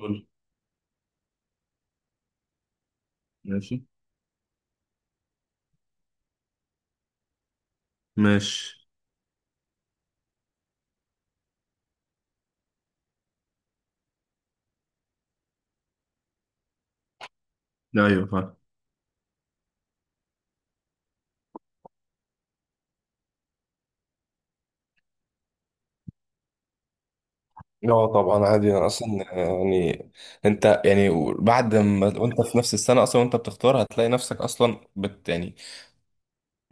قول. ماشي. ماشي. لا ايوه فاهم. يعني انت بعد ما وانت في نفس السنه اصلا وانت بتختار هتطلع بت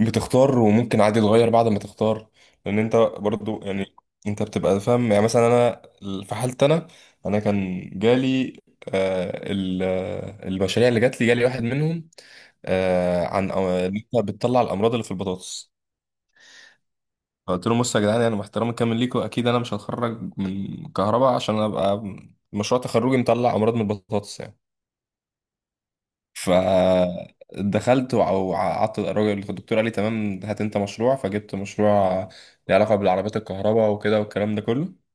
بتختار وممكن عادي تغير بعد ما تختار. لان انت برضو انت بتبقى فاهم، يعني مثلا انا في حالتي انا، انا كان جالي آه ال- آه، المشاريع اللي جات لي جالي واحد منهم عن ان انت بتطلع الامراض اللي في البطاطس. قلت لهم بصوا يا جدعان، انا باحترامي الكامل ليكم، اكيد انا مش هتخرج من كهرباء عشان ابقى مشروع تخرجي مطلع امراض من البطاطس يعني. فدخلت وقعدت، الراجل الدكتور قال لي تمام، هات انت مشروع، فجبت مشروع له علاقه بالعربيات الكهرباء وكده والكلام ده كله.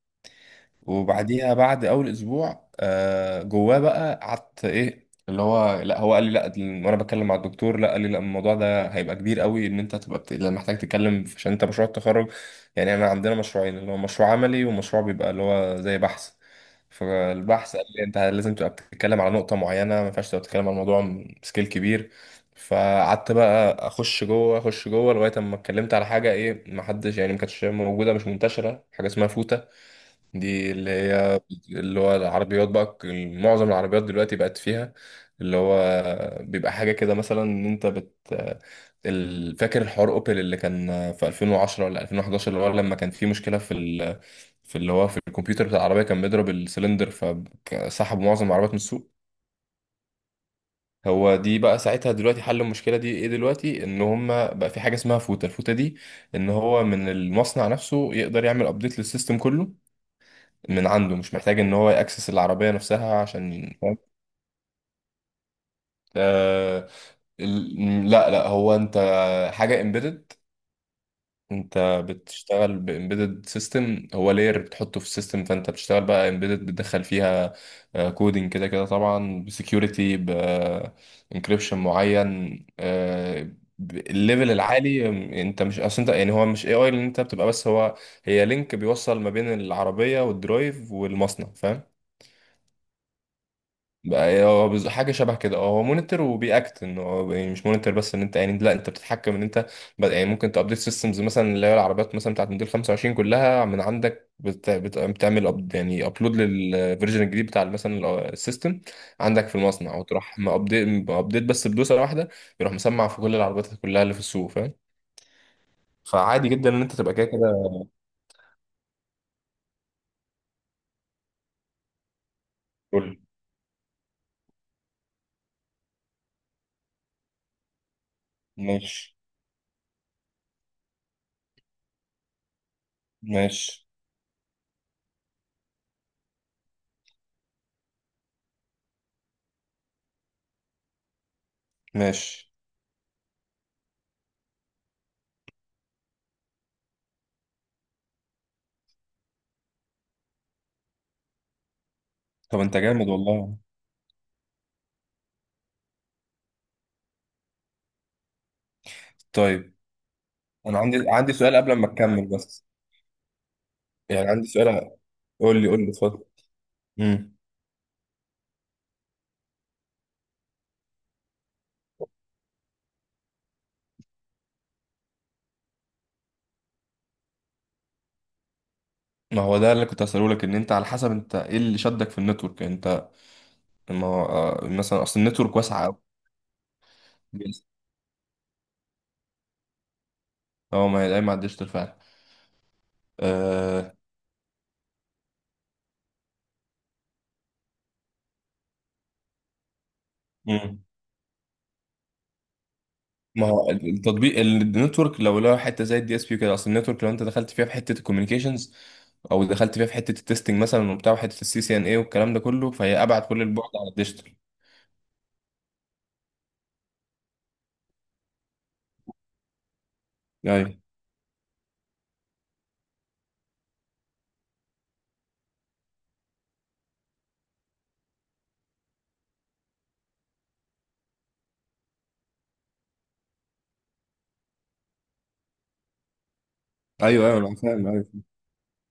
وبعديها بعد اول اسبوع جواه بقى قعدت ايه اللي هو، لا هو قال لي لا، وانا بتكلم مع الدكتور، لا قال لي لا، الموضوع ده هيبقى كبير قوي، ان انت هتبقى بت... لأ، محتاج تتكلم عشان انت مشروع التخرج، يعني انا عندنا مشروعين اللي هو مشروع عملي ومشروع بيبقى اللي هو زي بحث. فالبحث قال لي انت لازم تبقى بتتكلم على نقطة معينة، ما ينفعش تبقى بتتكلم على موضوع سكيل كبير. فقعدت بقى اخش جوه اخش جوه لغايه اما اتكلمت على حاجه ايه، ما حدش يعني ما كانتش موجوده، مش منتشره، حاجه اسمها فوتا. دي اللي هي اللي هو العربيات بقى، معظم العربيات دلوقتي بقت فيها اللي هو، بيبقى حاجة كده مثلا ان انت بت فاكر الحوار اوبل اللي كان في 2010 ولا 2011، اللي هو لما كان في مشكلة في ال... في اللي هو في الكمبيوتر بتاع العربية كان بيضرب السلندر، فسحبوا معظم العربيات من السوق. هو دي بقى ساعتها، دلوقتي حل المشكلة دي ايه؟ دلوقتي ان هم بقى في حاجة اسمها فوتة، الفوتة دي ان هو من المصنع نفسه يقدر يعمل ابديت للسيستم كله من عنده، مش محتاج ان هو يأكسس العربية نفسها عشان فاهم. آه لا هو انت حاجة امبيدد. انت بتشتغل بامبيدد سيستم، هو لاير بتحطه في السيستم، فانت بتشتغل بقى امبيدد، بتدخل فيها كودينج كده كده طبعا، بسكيورتي بانكريبشن معين، الليفل العالي. انت مش اصل انت يعني هو مش اي اي اللي انت بتبقى، بس هو هي لينك بيوصل ما بين العربية والدرايف والمصنع، فاهم. بقى حاجه شبه كده، اه هو مونيتور وبيأكت، انه هو يعني مش مونيتور بس، ان انت يعني لا انت بتتحكم ان انت يعني ممكن تابديت سيستمز مثلا، اللي هي العربيات مثلا بتاعت موديل 25 كلها، من عندك بت... بت... بتعمل أب... يعني ابلود للفيرجن الجديد بتاع مثلا السيستم عندك في المصنع، وتروح مأبديت بس بدوسه واحده، يروح مسمع في كل العربيات كلها اللي في السوق، فاهم. فعادي جدا ان انت تبقى كده كده. كل. ماشي. ماشي. ماشي. طب انت جامد والله. طيب، انا عندي سؤال قبل ما تكمل بس، يعني عندي سؤال. قول لي اتفضل. امم، ما هو ده اللي كنت هسأله لك، ان انت على حسب انت ايه اللي شدك في النتورك انت. ما هو مثلا اصل النتورك واسعه قوي. اه ما هي دايما على الديجيتال فعلا، آه، مم. ما هو التطبيق النتورك لو لها حته زي الدي اس بي كده، اصل النتورك لو انت دخلت فيها في حته الكوميونيكيشنز، او دخلت فيها في حته التستنج مثلا وبتاع وحته السي سي ان اي والكلام ده كله، فهي ابعد كل البعد عن الديجيتال. ايوه ايوه انا فاهم. ايوه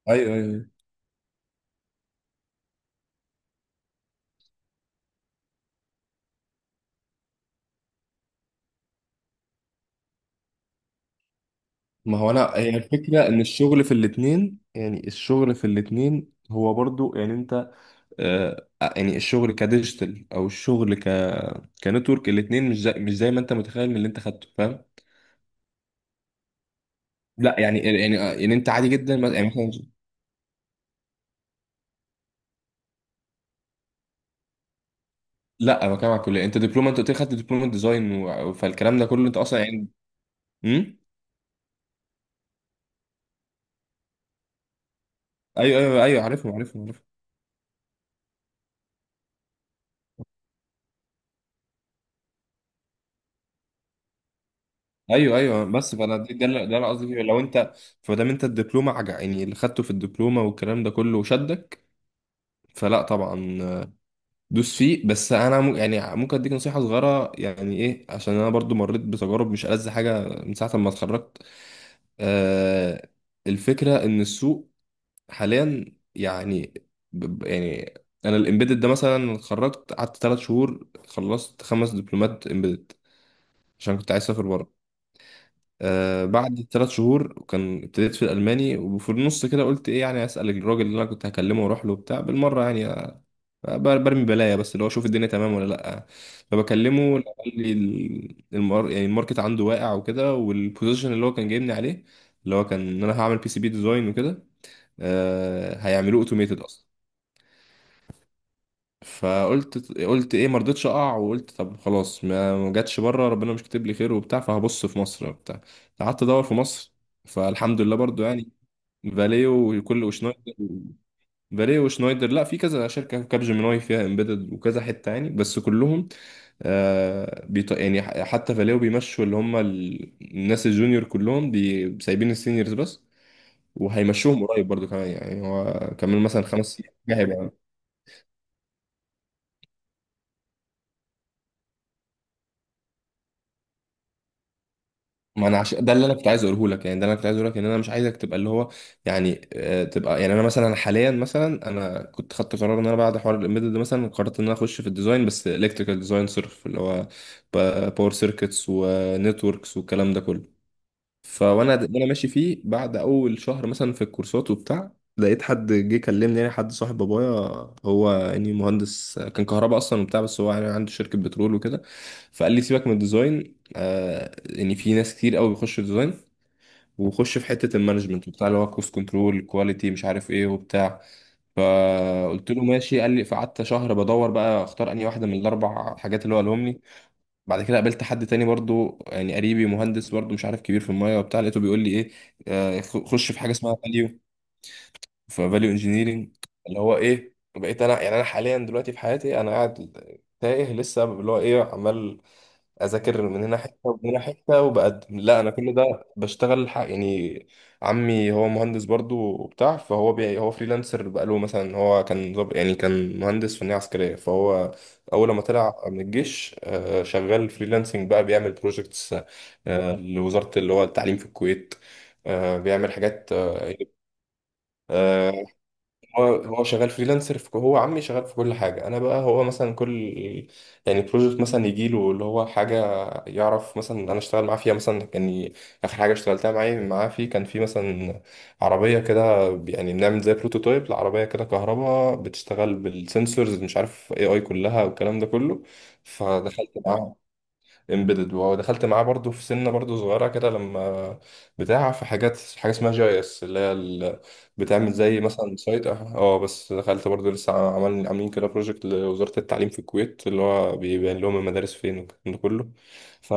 ايوه ايوه ما هو انا هي الفكره ان الشغل في الاتنين، الشغل في الاتنين هو برضو انت آه يعني الشغل كديجيتال او الشغل ك كنتورك، الاتنين مش زي ما انت متخيل من اللي انت خدته، فاهم. لا يعني انت عادي جدا يعني مثلا. لا انا بتكلم على الكليه، انت دبلومه، انت قلت لي خدت دبلومه ديزاين و... فالكلام ده كله انت اصلا يعني. امم. ايوه أيوه، عارفهم عارفهم. ايوه بس ده اللي قصدي فيه لو انت فدام انت الدبلومه عجع، يعني اللي خدته في الدبلومه والكلام ده كله شدك، فلا طبعا دوس فيه، بس انا يعني ممكن اديك نصيحه صغيره يعني ايه، عشان انا برضو مريت بتجارب مش ألذ حاجه من ساعه ما اتخرجت. آه الفكره ان السوق حاليا يعني، يعني انا الامبيدد ده مثلا اتخرجت قعدت ثلاث شهور خلصت خمس دبلومات امبيدد، عشان كنت عايز اسافر بره. بعد ثلاث شهور كان ابتديت في الالماني، وفي النص كده قلت ايه يعني اسال الراجل اللي انا كنت هكلمه واروح له بتاع بالمره، يعني برمي بلايا بس اللي هو اشوف الدنيا تمام ولا لا. فبكلمه، لا، قال لي يعني الماركت عنده واقع وكده، والبوزيشن اللي هو كان جايبني عليه اللي هو كان ان انا هعمل بي سي بي ديزاين وكده، هيعملوه اوتوميتد اصلا. قلت ايه ما رضيتش اقع، وقلت طب خلاص، ما جاتش بره ربنا مش كاتب لي خير وبتاع، فهبص في مصر وبتاع. قعدت ادور في مصر، فالحمد لله برضو يعني فاليو وكل وشنايدر. فاليو وشنايدر، لا في كذا شركه، كاب جيميناي فيها امبيدد وكذا حته يعني، بس كلهم يعني حتى فاليو بيمشوا اللي هم الناس الجونيور كلهم بي... سايبين السينيورز بس، وهيمشوهم قريب برضو كمان يعني، هو كمان مثلا خمس سنين كده هيبقى. ما انا ده اللي انا كنت عايز اقوله لك، يعني ده اللي انا كنت عايز اقوله لك، ان انا مش عايزك تبقى اللي هو يعني تبقى. يعني انا مثلا حاليا مثلا انا كنت خدت قرار، ان انا بعد حوار الامبيدد ده مثلا قررت ان انا اخش في الديزاين، بس الكتريكال ديزاين صرف، اللي هو باور سيركتس ونتوركس والكلام ده كله. وانا ماشي فيه بعد اول شهر مثلا في الكورسات وبتاع، لقيت حد جه كلمني، يعني حد صاحب بابايا، هو يعني مهندس كان كهرباء اصلا وبتاع، بس هو يعني عنده شركه بترول وكده. فقال لي سيبك من الديزاين، يعني في ناس كتير قوي بيخشوا ديزاين، وخش في حته المانجمنت بتاع اللي هو كوست كنترول كواليتي مش عارف ايه وبتاع. فقلت له ماشي. قال لي، فقعدت شهر بدور بقى اختار انهي واحده من الاربع حاجات اللي هو قالهم لي. بعد كده قابلت حد تاني برضو يعني قريبي، مهندس برضو مش عارف كبير في المايه وبتاع، لقيته بيقول لي ايه، خش في حاجه اسمها فاليو، في فاليو انجينيرنج اللي هو ايه. بقيت انا يعني انا حاليا دلوقتي في حياتي انا قاعد تايه لسه، اللي هو ايه، عمال اذاكر من هنا حته ومن هنا حته، وبقدم، لا انا كل ده بشتغل يعني. عمي هو مهندس برضو وبتاع، فهو هو فريلانسر بقاله، مثلا هو كان يعني كان مهندس فنية عسكرية، فهو اول ما طلع من الجيش شغال فريلانسنج بقى، بيعمل بروجكتس لوزارة اللي هو التعليم في الكويت، بيعمل حاجات آه، هو شغال فريلانسر في، هو عمي شغال في كل حاجة. أنا بقى، هو مثلا كل يعني بروجكت مثلا يجي له اللي هو حاجة يعرف مثلا أنا أشتغل معاه فيها، مثلا كان آخر حاجة اشتغلتها معايا معاه فيه كان في مثلا عربية كده، يعني بنعمل زي بروتوتايب لعربية كده كهرباء بتشتغل بالسنسورز مش عارف اي اي كلها والكلام ده كله. فدخلت معاه امبيدد، ودخلت معاه برضو في سنه برضو صغيره كده لما بتاع، في حاجات حاجه اسمها جي اس اللي هي بتعمل زي مثلا سايت اه بس دخلت برضو لسه، عمل عاملين كده بروجكت لوزاره التعليم في الكويت اللي هو بيبين لهم المدارس فين والكلام ده كله. ف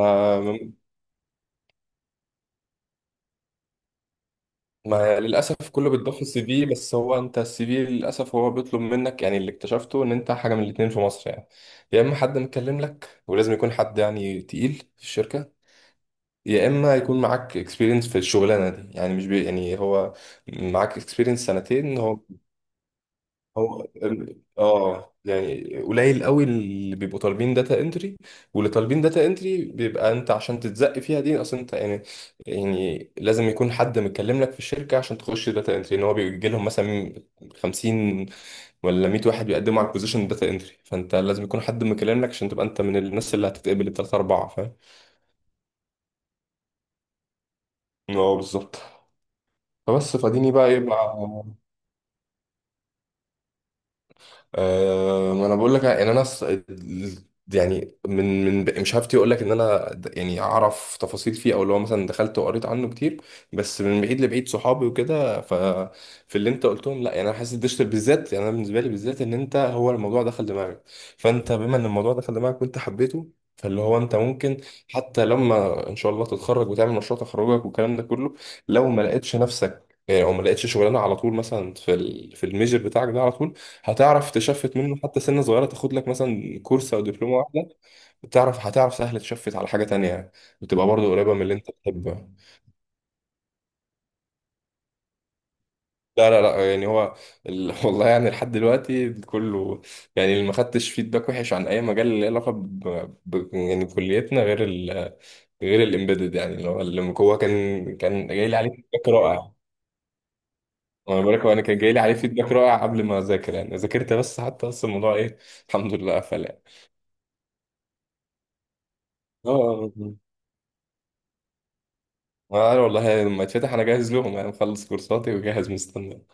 ما للاسف كله بيتضاف في السي في، بس هو انت السي في للاسف هو بيطلب منك يعني، اللي اكتشفته ان انت حاجه من الاتنين في مصر يعني. يا اما حد مكلم لك ولازم يكون حد يعني تقيل في الشركه، يا اما يكون معاك اكسبيرينس في الشغلانه دي، يعني مش بي يعني هو معاك اكسبيرينس سنتين هو هو اه يعني قليل قوي اللي بيبقوا طالبين داتا انتري، واللي طالبين داتا انتري بيبقى انت عشان تتزق فيها دي اصلا انت يعني، يعني لازم يكون حد متكلم لك في الشركه عشان تخش داتا انتري، ان هو بيجي لهم مثلا 50 ولا 100 واحد بيقدموا على البوزيشن داتا انتري، فانت لازم يكون حد مكلم لك عشان تبقى انت من الناس اللي هتتقبل الثلاثه اربعه، فاهم. اه بالظبط، فبس فاديني بقى يبقى. أه، ما انا بقول لك ان انا يعني من مش هفتي اقول لك ان انا يعني اعرف تفاصيل فيه او اللي هو مثلا دخلت وقريت عنه كتير، بس من بعيد لبعيد صحابي وكده. ففي اللي انت قلتهم لا يعني انا حاسس الديجيتال بالذات، يعني انا بالنسبه لي بالذات ان انت هو الموضوع دخل دماغك، فانت بما ان الموضوع دخل دماغك وانت حبيته، فاللي هو انت ممكن حتى لما ان شاء الله تتخرج وتعمل مشروع تخرجك والكلام ده كله، لو ما لقيتش نفسك يعني او ما لقيتش شغلانه على طول مثلا في في الميجر بتاعك ده على طول، هتعرف تشفت منه، حتى سنة صغيرة تاخد لك مثلا كورس أو دبلومة واحدة، بتعرف هتعرف سهل تشفت على حاجة تانية يعني. بتبقى برضه قريبة من اللي أنت بتحبها. لا يعني هو ال... والله يعني لحد دلوقتي كله، يعني اللي ما خدتش فيدباك وحش عن أي مجال اللي له علاقة ب... ب... يعني كليتنا غير ال... غير الإمبيدد، يعني اللي هو اللي هو كان جاي لي عليه فيدباك رائع. وانا بقول لك، هو انا كان جاي لي عليه فيدباك رائع قبل ما اذاكر يعني، ذاكرت بس حتى بس الموضوع ايه، الحمد لله قفل يعني. اه عارف والله، لما يتفتح انا جاهز لهم يعني، مخلص كورساتي وجاهز مستني.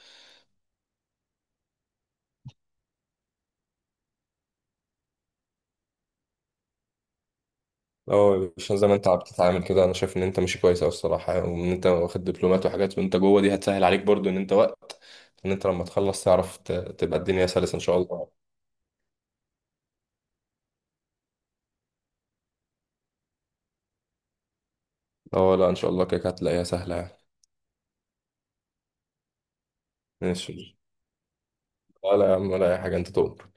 اه، عشان زي ما انت عم تتعامل كده انا شايف ان انت ماشي كويس اوي الصراحه، وان انت واخد دبلومات وحاجات وانت جوه دي هتسهل عليك برضو، ان انت وقت ان انت لما تخلص تعرف تبقى الدنيا سلسه ان شاء الله. اه، لا ان شاء الله كده كده هتلاقيها سهله يعني. ماشي. لا لا يا عم ولا اي حاجه، انت تؤمر.